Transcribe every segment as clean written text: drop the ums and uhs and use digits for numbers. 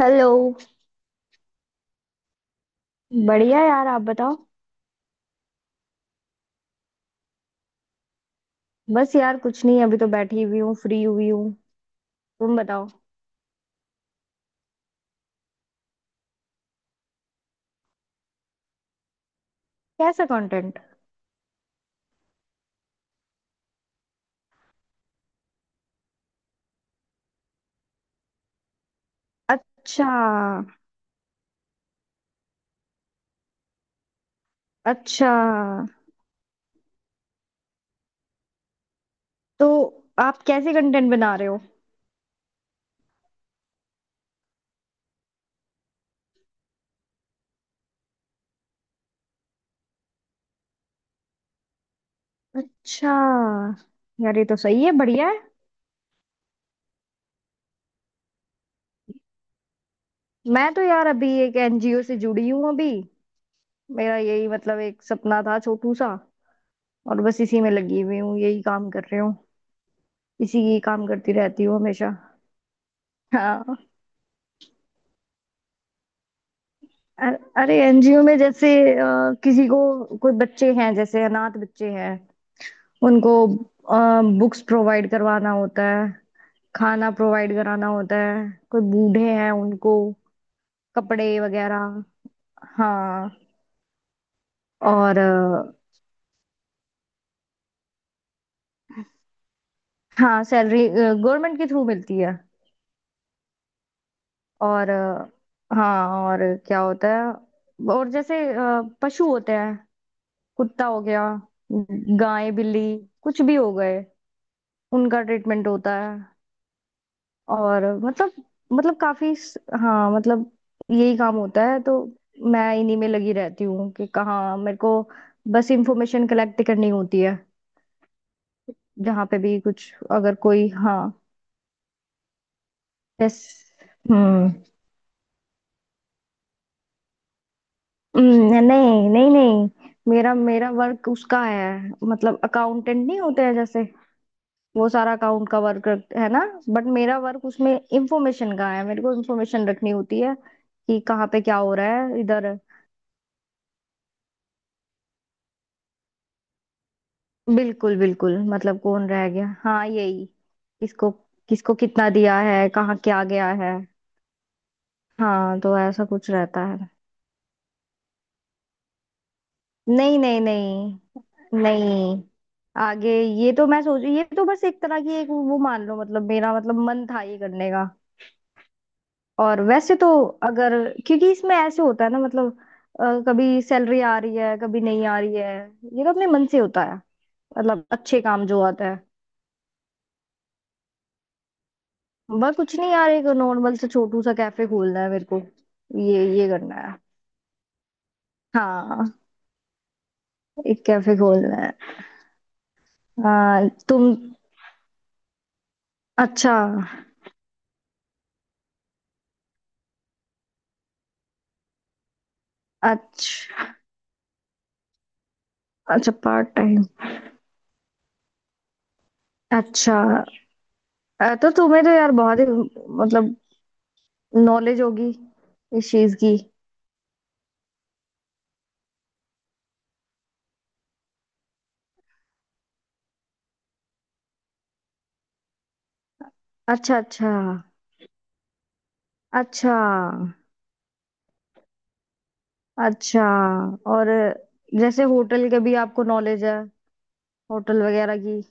Hello. बढ़िया यार, आप बताओ। बस यार कुछ नहीं, अभी तो बैठी हुई हूँ, फ्री हुई हूँ। तुम बताओ। कैसा कंटेंट? अच्छा। अच्छा, तो आप कैसे कंटेंट बना रहे हो? अच्छा यार, ये तो सही है, बढ़िया है। मैं तो यार अभी एक एनजीओ से जुड़ी हूँ अभी। मेरा यही मतलब एक सपना था छोटू सा। और बस इसी में लगी हुई हूँ, यही काम कर रही हूँ। इसी काम करती रहती हूँ हमेशा। हाँ। अरे, एनजीओ में जैसे किसी को, कोई बच्चे हैं, जैसे अनाथ बच्चे हैं, उनको बुक्स प्रोवाइड करवाना होता है। खाना प्रोवाइड कराना होता है। कोई बूढ़े हैं, उनको कपड़े वगैरह। हाँ। और हाँ, सैलरी गवर्नमेंट के थ्रू मिलती है। और हाँ, और क्या होता है, और जैसे पशु होते हैं। कुत्ता हो गया, गाय, बिल्ली, कुछ भी हो गए। उनका ट्रीटमेंट होता है। और मतलब, मतलब काफी हाँ, मतलब यही काम होता है तो। मैं इन्हीं में लगी रहती हूँ कि कहाँ मेरे को बस इंफॉर्मेशन कलेक्ट करनी होती है, जहाँ पे भी कुछ अगर कोई। हाँ। बस। हम्म। नहीं, नहीं, नहीं। मेरा मेरा वर्क उसका है। मतलब अकाउंटेंट नहीं होते हैं जैसे, वो सारा अकाउंट का वर्क, है ना। बट मेरा वर्क उसमें इंफॉर्मेशन का है, मेरे को इंफॉर्मेशन रखनी होती है कि कहाँ पे क्या हो रहा है इधर। बिल्कुल बिल्कुल, मतलब कौन रह गया, हाँ यही। किसको, किसको कितना दिया है, कहाँ क्या गया है। हाँ, तो ऐसा कुछ रहता है। नहीं, नहीं, नहीं। नहीं। आगे ये तो मैं सोच, ये तो बस एक तरह की एक वो मान लो, मतलब मेरा मतलब मन था ये करने का। और वैसे तो, अगर, क्योंकि इसमें ऐसे होता है ना, मतलब कभी सैलरी आ रही है, कभी नहीं आ रही है, ये तो अपने मन से होता है। मतलब अच्छे काम जो आता है। बस कुछ नहीं यार, एक नॉर्मल से छोटू सा कैफे खोलना है मेरे को। ये करना है। हाँ। एक कैफे खोलना है। हाँ, तुम। अच्छा। अच्छा, अच्छा पार्ट टाइम। अच्छा, तो तुम्हें तो यार बहुत ही मतलब नॉलेज होगी इस चीज की। अच्छा अच्छा अच्छा। अच्छा। और जैसे होटल के भी आपको नॉलेज है, होटल वगैरह की।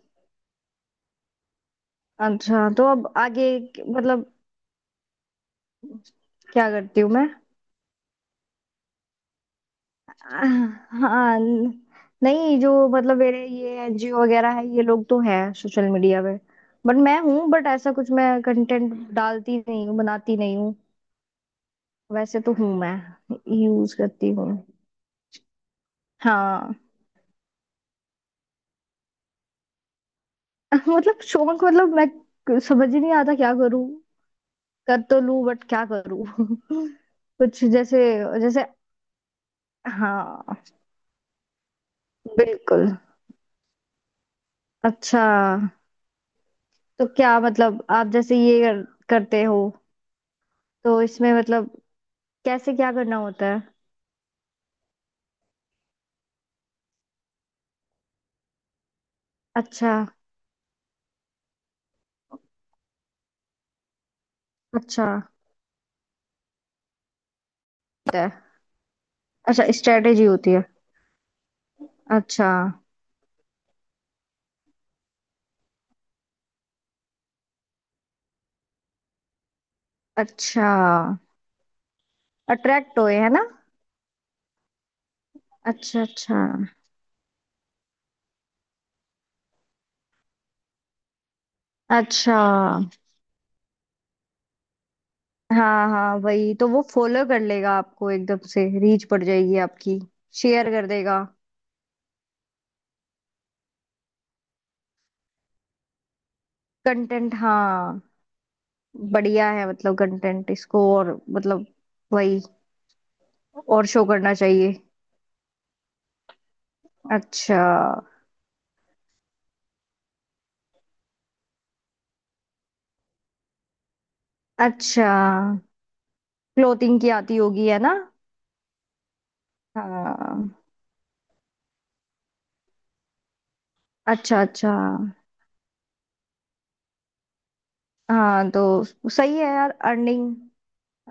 अच्छा, तो अब आगे। मतलब, क्या करती हूँ मैं? हाँ। नहीं, जो मतलब मेरे ये एनजीओ वगैरह है, ये लोग तो हैं सोशल मीडिया पे। बट मैं हूँ, बट ऐसा कुछ मैं कंटेंट डालती नहीं हूँ, बनाती नहीं हूँ। वैसे तो हूँ मैं, यूज करती हूँ। हाँ। मतलब शौक, मतलब मैं समझ ही नहीं आता क्या करूँ। कर तो लूँ बट क्या करूँ? कुछ जैसे, जैसे। हाँ। बिल्कुल। अच्छा, तो क्या मतलब आप जैसे ये करते हो, तो इसमें मतलब कैसे क्या करना होता है? अच्छा। अच्छा, होता है। अच्छा, स्ट्रेटेजी होती है। अच्छा। अच्छा, अट्रैक्ट होए, है ना। अच्छा अच्छा। अच्छा। हाँ हाँ, वही तो, वो फॉलो कर लेगा आपको, एकदम से रीच पड़ जाएगी आपकी। शेयर कर देगा। कंटेंट, हाँ। बढ़िया है, मतलब कंटेंट इसको और, मतलब वही, और शो करना चाहिए। अच्छा। अच्छा। क्लोथिंग की आती होगी, है ना। हाँ। अच्छा अच्छा। हाँ, तो सही है यार, अर्निंग।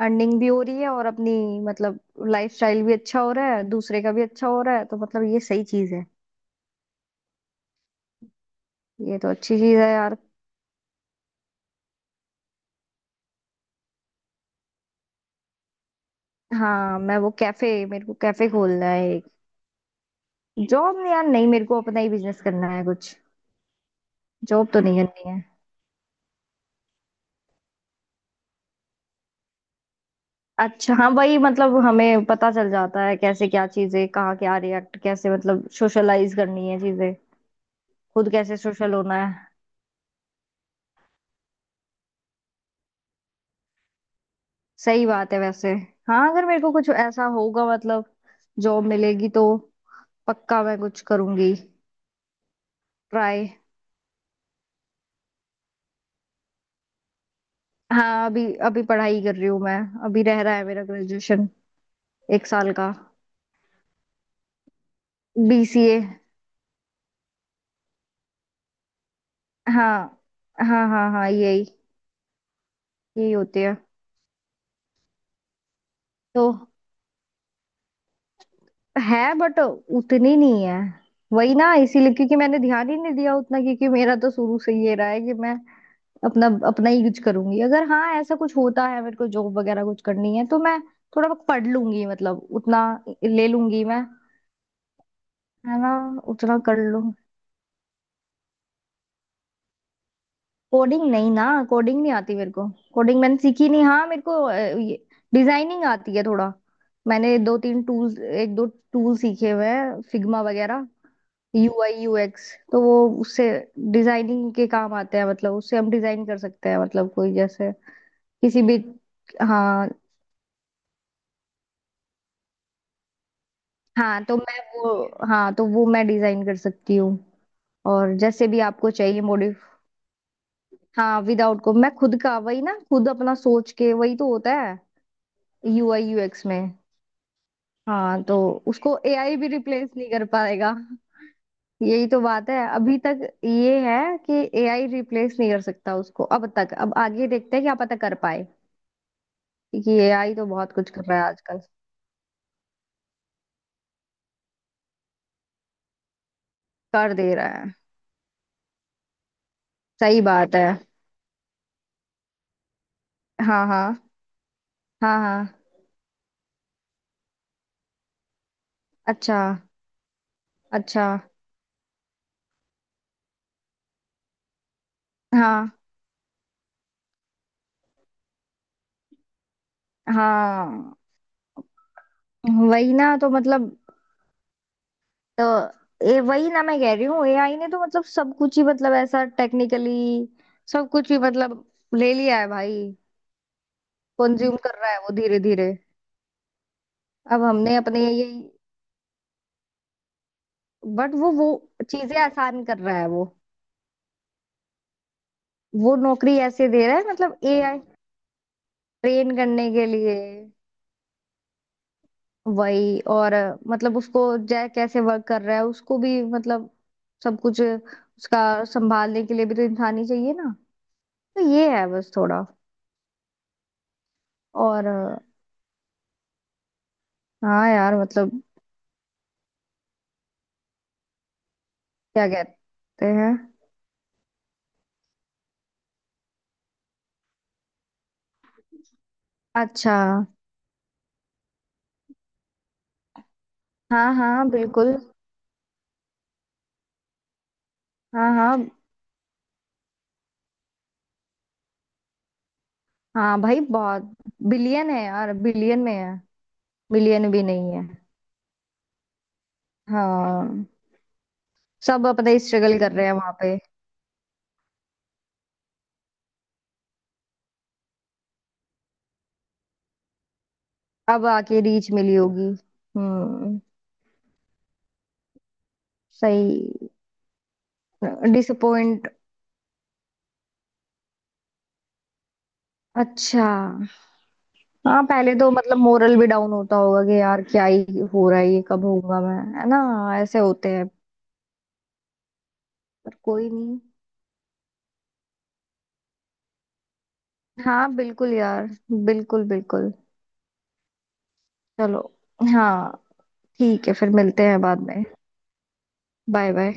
अर्निंग भी हो रही है और अपनी, मतलब लाइफस्टाइल भी अच्छा हो रहा है, दूसरे का भी अच्छा हो रहा है, तो मतलब ये सही चीज है। ये तो अच्छी चीज है यार। हाँ, मैं वो कैफे, मेरे को कैफे खोलना है एक। जॉब नहीं यार, नहीं, मेरे को अपना ही बिजनेस करना है कुछ। जॉब तो नहीं करनी है। अच्छा, हाँ, वही, मतलब हमें पता चल जाता है कैसे, क्या चीजें, कहाँ क्या रिएक्ट, कैसे मतलब सोशलाइज करनी है चीजें, खुद कैसे सोशल होना है। सही बात है वैसे। हाँ, अगर मेरे को कुछ ऐसा होगा मतलब जॉब मिलेगी, तो पक्का मैं कुछ करूंगी। ट्राई। हाँ, अभी अभी पढ़ाई कर रही हूँ मैं। अभी रह रहा है मेरा ग्रेजुएशन, एक साल का, बीसीए। हाँ हाँ हाँ हाँ, यही, यही होती है। तो है, बट उतनी नहीं है। वही ना, इसीलिए क्योंकि मैंने ध्यान ही नहीं दिया उतना, क्योंकि मेरा तो शुरू से ये रहा है कि मैं अपना अपना ही कुछ करूंगी। अगर हाँ, ऐसा कुछ होता है मेरे को, जॉब वगैरह कुछ करनी है, तो मैं थोड़ा बहुत पढ़ लूंगी, मतलब उतना ले लूंगी मैं, है ना, उतना कर लूं। कोडिंग नहीं ना, कोडिंग नहीं आती मेरे को, कोडिंग मैंने सीखी नहीं, हाँ मेरे को। डिजाइनिंग आती है थोड़ा। मैंने दो तीन टूल्स, एक दो टूल सीखे हुए हैं, फिग्मा वगैरह, यूआई यूएक्स। तो वो, उससे डिजाइनिंग के काम आते हैं, मतलब उससे हम डिजाइन कर सकते हैं, मतलब कोई, जैसे किसी भी। हाँ। हाँ, तो मैं वो, हाँ तो वो मैं डिजाइन कर सकती हूँ, और जैसे भी आपको चाहिए, मॉडिफ। हाँ, विदाउट को मैं खुद का, वही ना, खुद अपना सोच के, वही तो होता है यूआई यूएक्स में। हाँ, तो उसको एआई भी रिप्लेस नहीं कर पाएगा। यही तो बात है, अभी तक ये है कि एआई रिप्लेस नहीं कर सकता उसको अब तक। अब आगे देखते हैं, क्या पता कर पाए। क्योंकि एआई तो बहुत कुछ कर रहा है आजकल, कर दे रहा है। सही बात है। हाँ हाँ हाँ हाँ। अच्छा अच्छा। हाँ हाँ, वही ना, तो मतलब, तो वही ना, मैं कह रही हूँ एआई ने तो मतलब सब कुछ ही, मतलब ऐसा टेक्निकली सब कुछ ही, मतलब ले लिया है भाई। कंज्यूम कर रहा है वो धीरे धीरे। अब हमने अपने ये, बट वो चीजें आसान कर रहा है वो। वो नौकरी ऐसे दे रहा है, मतलब एआई ट्रेन करने के लिए, वही, और मतलब उसको जय कैसे वर्क कर रहा है, उसको भी मतलब सब कुछ उसका संभालने के लिए भी तो इंसान ही चाहिए ना। तो ये है बस थोड़ा, और हाँ यार, मतलब क्या कहते हैं। अच्छा। हाँ हाँ बिल्कुल। हाँ हाँ। हाँ भाई, बहुत, बिलियन है यार, बिलियन में है। मिलियन भी नहीं है। हाँ, सब अपना स्ट्रगल कर रहे हैं वहां पे। अब आके रीच मिली होगी। हम्म। सही। डिसअपॉइंट। अच्छा। हाँ, पहले तो मतलब मोरल भी डाउन होता होगा कि यार क्या ही हो रहा है, ये कब होगा, मैं, है ना। ऐसे होते हैं। पर कोई नहीं। हाँ बिल्कुल यार, बिल्कुल बिल्कुल। चलो। हाँ। ठीक है, फिर मिलते हैं बाद में। Bye bye.